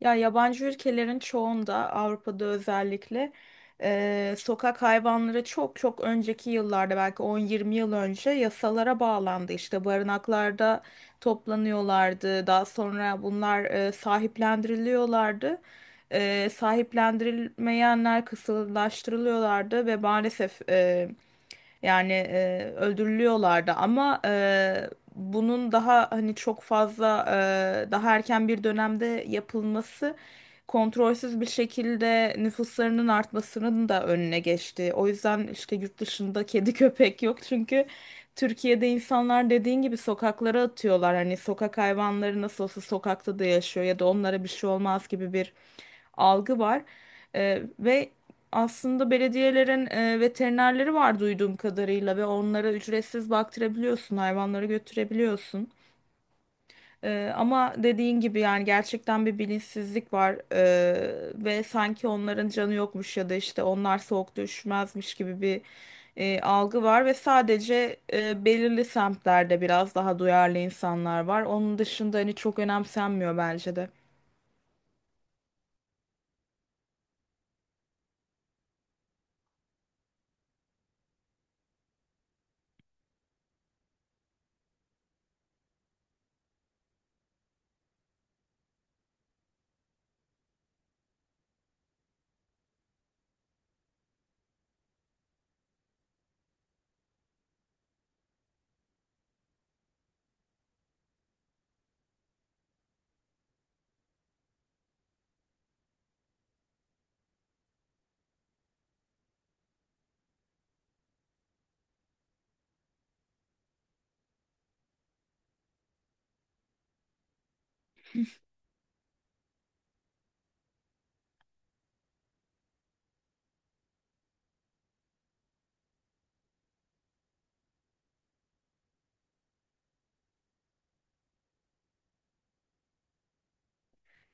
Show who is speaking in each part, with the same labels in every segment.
Speaker 1: Ya yabancı ülkelerin çoğunda Avrupa'da özellikle sokak hayvanları çok çok önceki yıllarda belki 10-20 yıl önce yasalara bağlandı. İşte barınaklarda toplanıyorlardı. Daha sonra bunlar sahiplendiriliyorlardı. Sahiplendirilmeyenler kısırlaştırılıyorlardı ve maalesef yani öldürülüyorlardı, ama bunun daha hani çok fazla daha erken bir dönemde yapılması kontrolsüz bir şekilde nüfuslarının artmasının da önüne geçti. O yüzden işte yurt dışında kedi köpek yok, çünkü Türkiye'de insanlar dediğin gibi sokaklara atıyorlar. Hani sokak hayvanları nasıl olsa sokakta da yaşıyor ya da onlara bir şey olmaz gibi bir algı var. Ve aslında belediyelerin veterinerleri var duyduğum kadarıyla ve onlara ücretsiz baktırabiliyorsun, hayvanları götürebiliyorsun. Ama dediğin gibi yani gerçekten bir bilinçsizlik var. Ve sanki onların canı yokmuş ya da işte onlar soğukta üşümezmiş gibi bir algı var ve sadece belirli semtlerde biraz daha duyarlı insanlar var. Onun dışında hani çok önemsenmiyor bence de.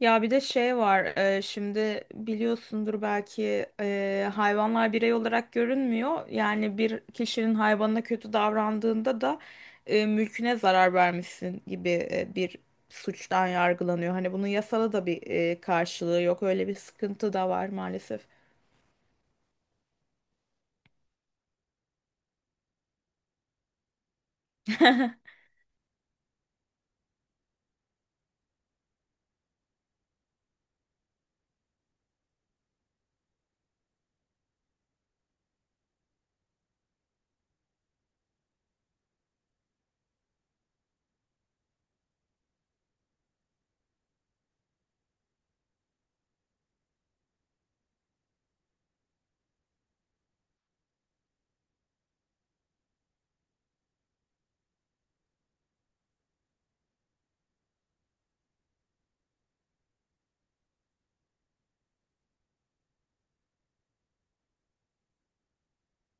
Speaker 1: Ya bir de şey var, şimdi biliyorsundur belki. Hayvanlar birey olarak görünmüyor. Yani bir kişinin hayvanına kötü davrandığında da mülküne zarar vermişsin gibi bir suçtan yargılanıyor. Hani bunun yasada da bir karşılığı yok. Öyle bir sıkıntı da var maalesef.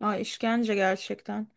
Speaker 1: Ay, işkence gerçekten.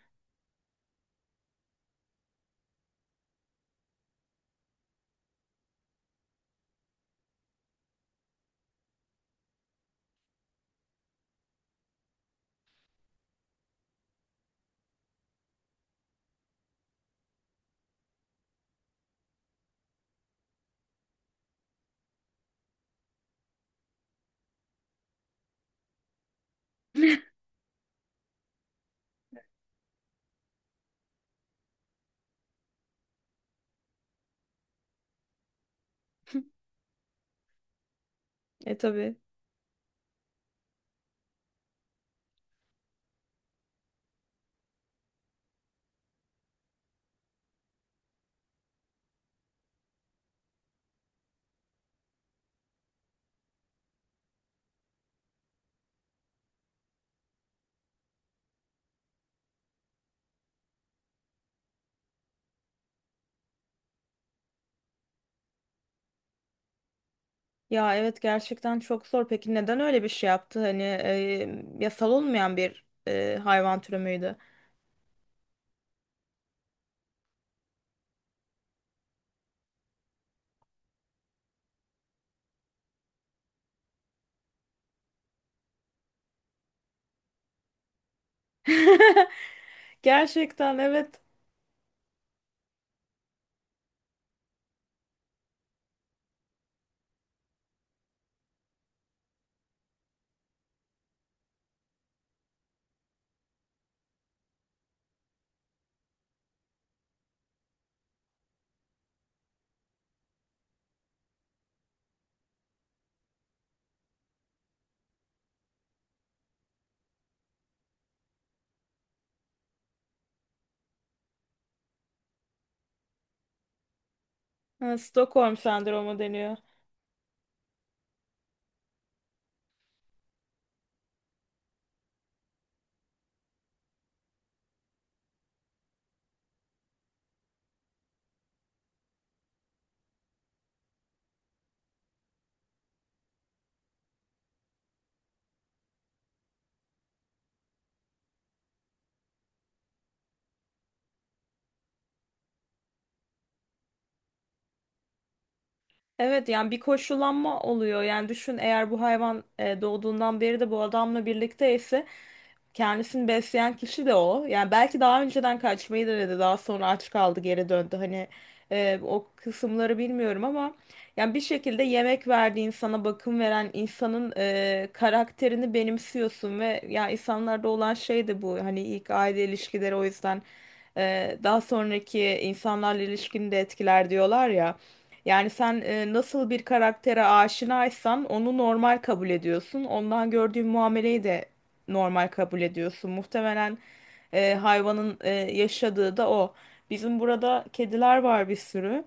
Speaker 1: E tabii. Ya evet, gerçekten çok zor. Peki neden öyle bir şey yaptı? Hani yasal olmayan bir hayvan türü müydü? Gerçekten, evet. Ha, Stockholm sendromu deniyor. Evet, yani bir koşullanma oluyor. Yani düşün, eğer bu hayvan doğduğundan beri de bu adamla birlikteyse, kendisini besleyen kişi de o. Yani belki daha önceden kaçmayı denedi, daha sonra aç kaldı, geri döndü. Hani o kısımları bilmiyorum, ama yani bir şekilde yemek verdiği insana, bakım veren insanın karakterini benimsiyorsun ve ya insanlarda olan şey de bu. Hani ilk aile ilişkileri o yüzden daha sonraki insanlarla ilişkini de etkiler diyorlar ya. Yani sen nasıl bir karaktere aşinaysan onu normal kabul ediyorsun. Ondan gördüğün muameleyi de normal kabul ediyorsun. Muhtemelen hayvanın yaşadığı da o. Bizim burada kediler var bir sürü.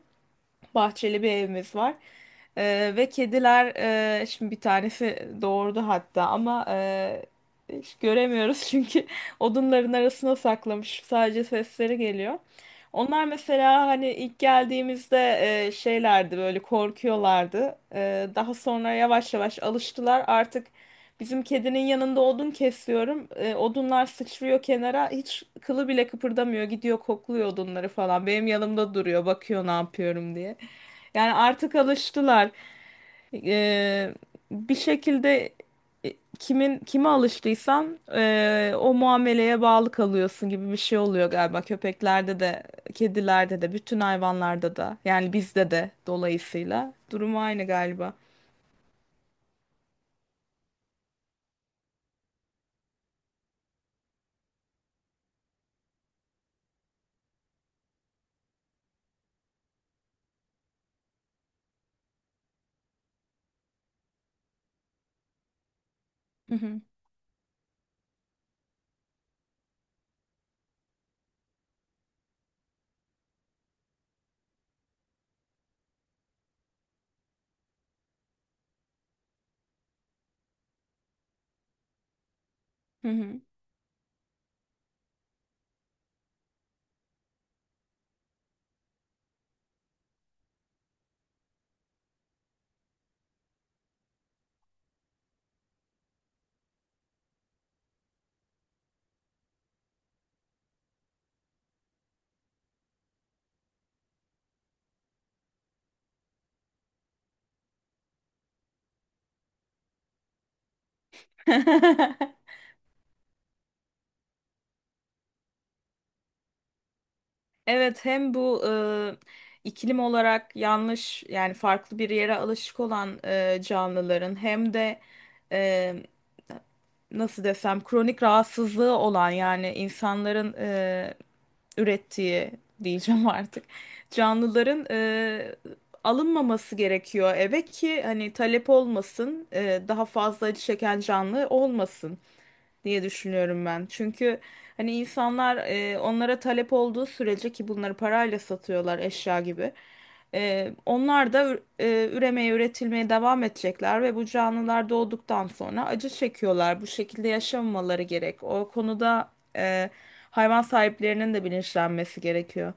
Speaker 1: Bahçeli bir evimiz var. Ve kediler, şimdi bir tanesi doğurdu hatta, ama hiç göremiyoruz çünkü odunların arasına saklamış. Sadece sesleri geliyor. Onlar mesela hani ilk geldiğimizde şeylerdi, böyle korkuyorlardı. Daha sonra yavaş yavaş alıştılar. Artık bizim kedinin yanında odun kesiyorum. Odunlar sıçrıyor kenara. Hiç kılı bile kıpırdamıyor. Gidiyor kokluyor odunları falan. Benim yanımda duruyor. Bakıyor ne yapıyorum diye. Yani artık alıştılar. E, Bir şekilde kimin kime alıştıysan o muameleye bağlı kalıyorsun gibi bir şey oluyor galiba. Köpeklerde de, kedilerde de, bütün hayvanlarda da. Yani bizde de dolayısıyla. Durum aynı galiba. Hı hı. Hı hı. Evet, hem bu iklim olarak yanlış yani farklı bir yere alışık olan canlıların, hem de e, nasıl desem, kronik rahatsızlığı olan yani insanların ürettiği diyeceğim artık canlıların alınmaması gerekiyor eve, ki hani talep olmasın, daha fazla acı çeken canlı olmasın diye düşünüyorum ben. Çünkü hani insanlar onlara talep olduğu sürece, ki bunları parayla satıyorlar eşya gibi, onlar da üremeye, üretilmeye devam edecekler ve bu canlılar doğduktan sonra acı çekiyorlar. Bu şekilde yaşamamaları gerek. O konuda hayvan sahiplerinin de bilinçlenmesi gerekiyor.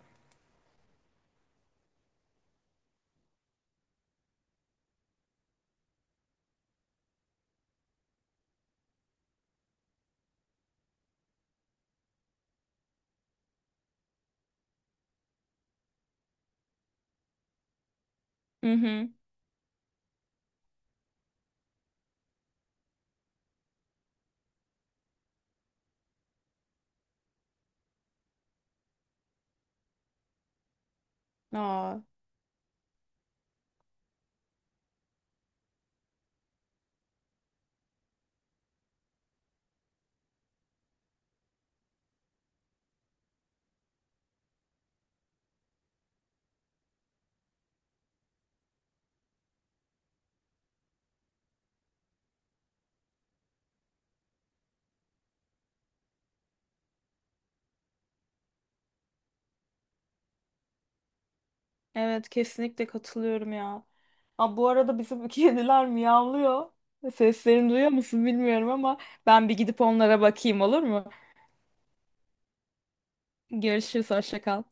Speaker 1: Hı hı. Aa, evet kesinlikle katılıyorum ya. Aa, bu arada bizim kediler miyavlıyor. Seslerini duyuyor musun bilmiyorum, ama ben bir gidip onlara bakayım, olur mu? Görüşürüz, hoşça kal.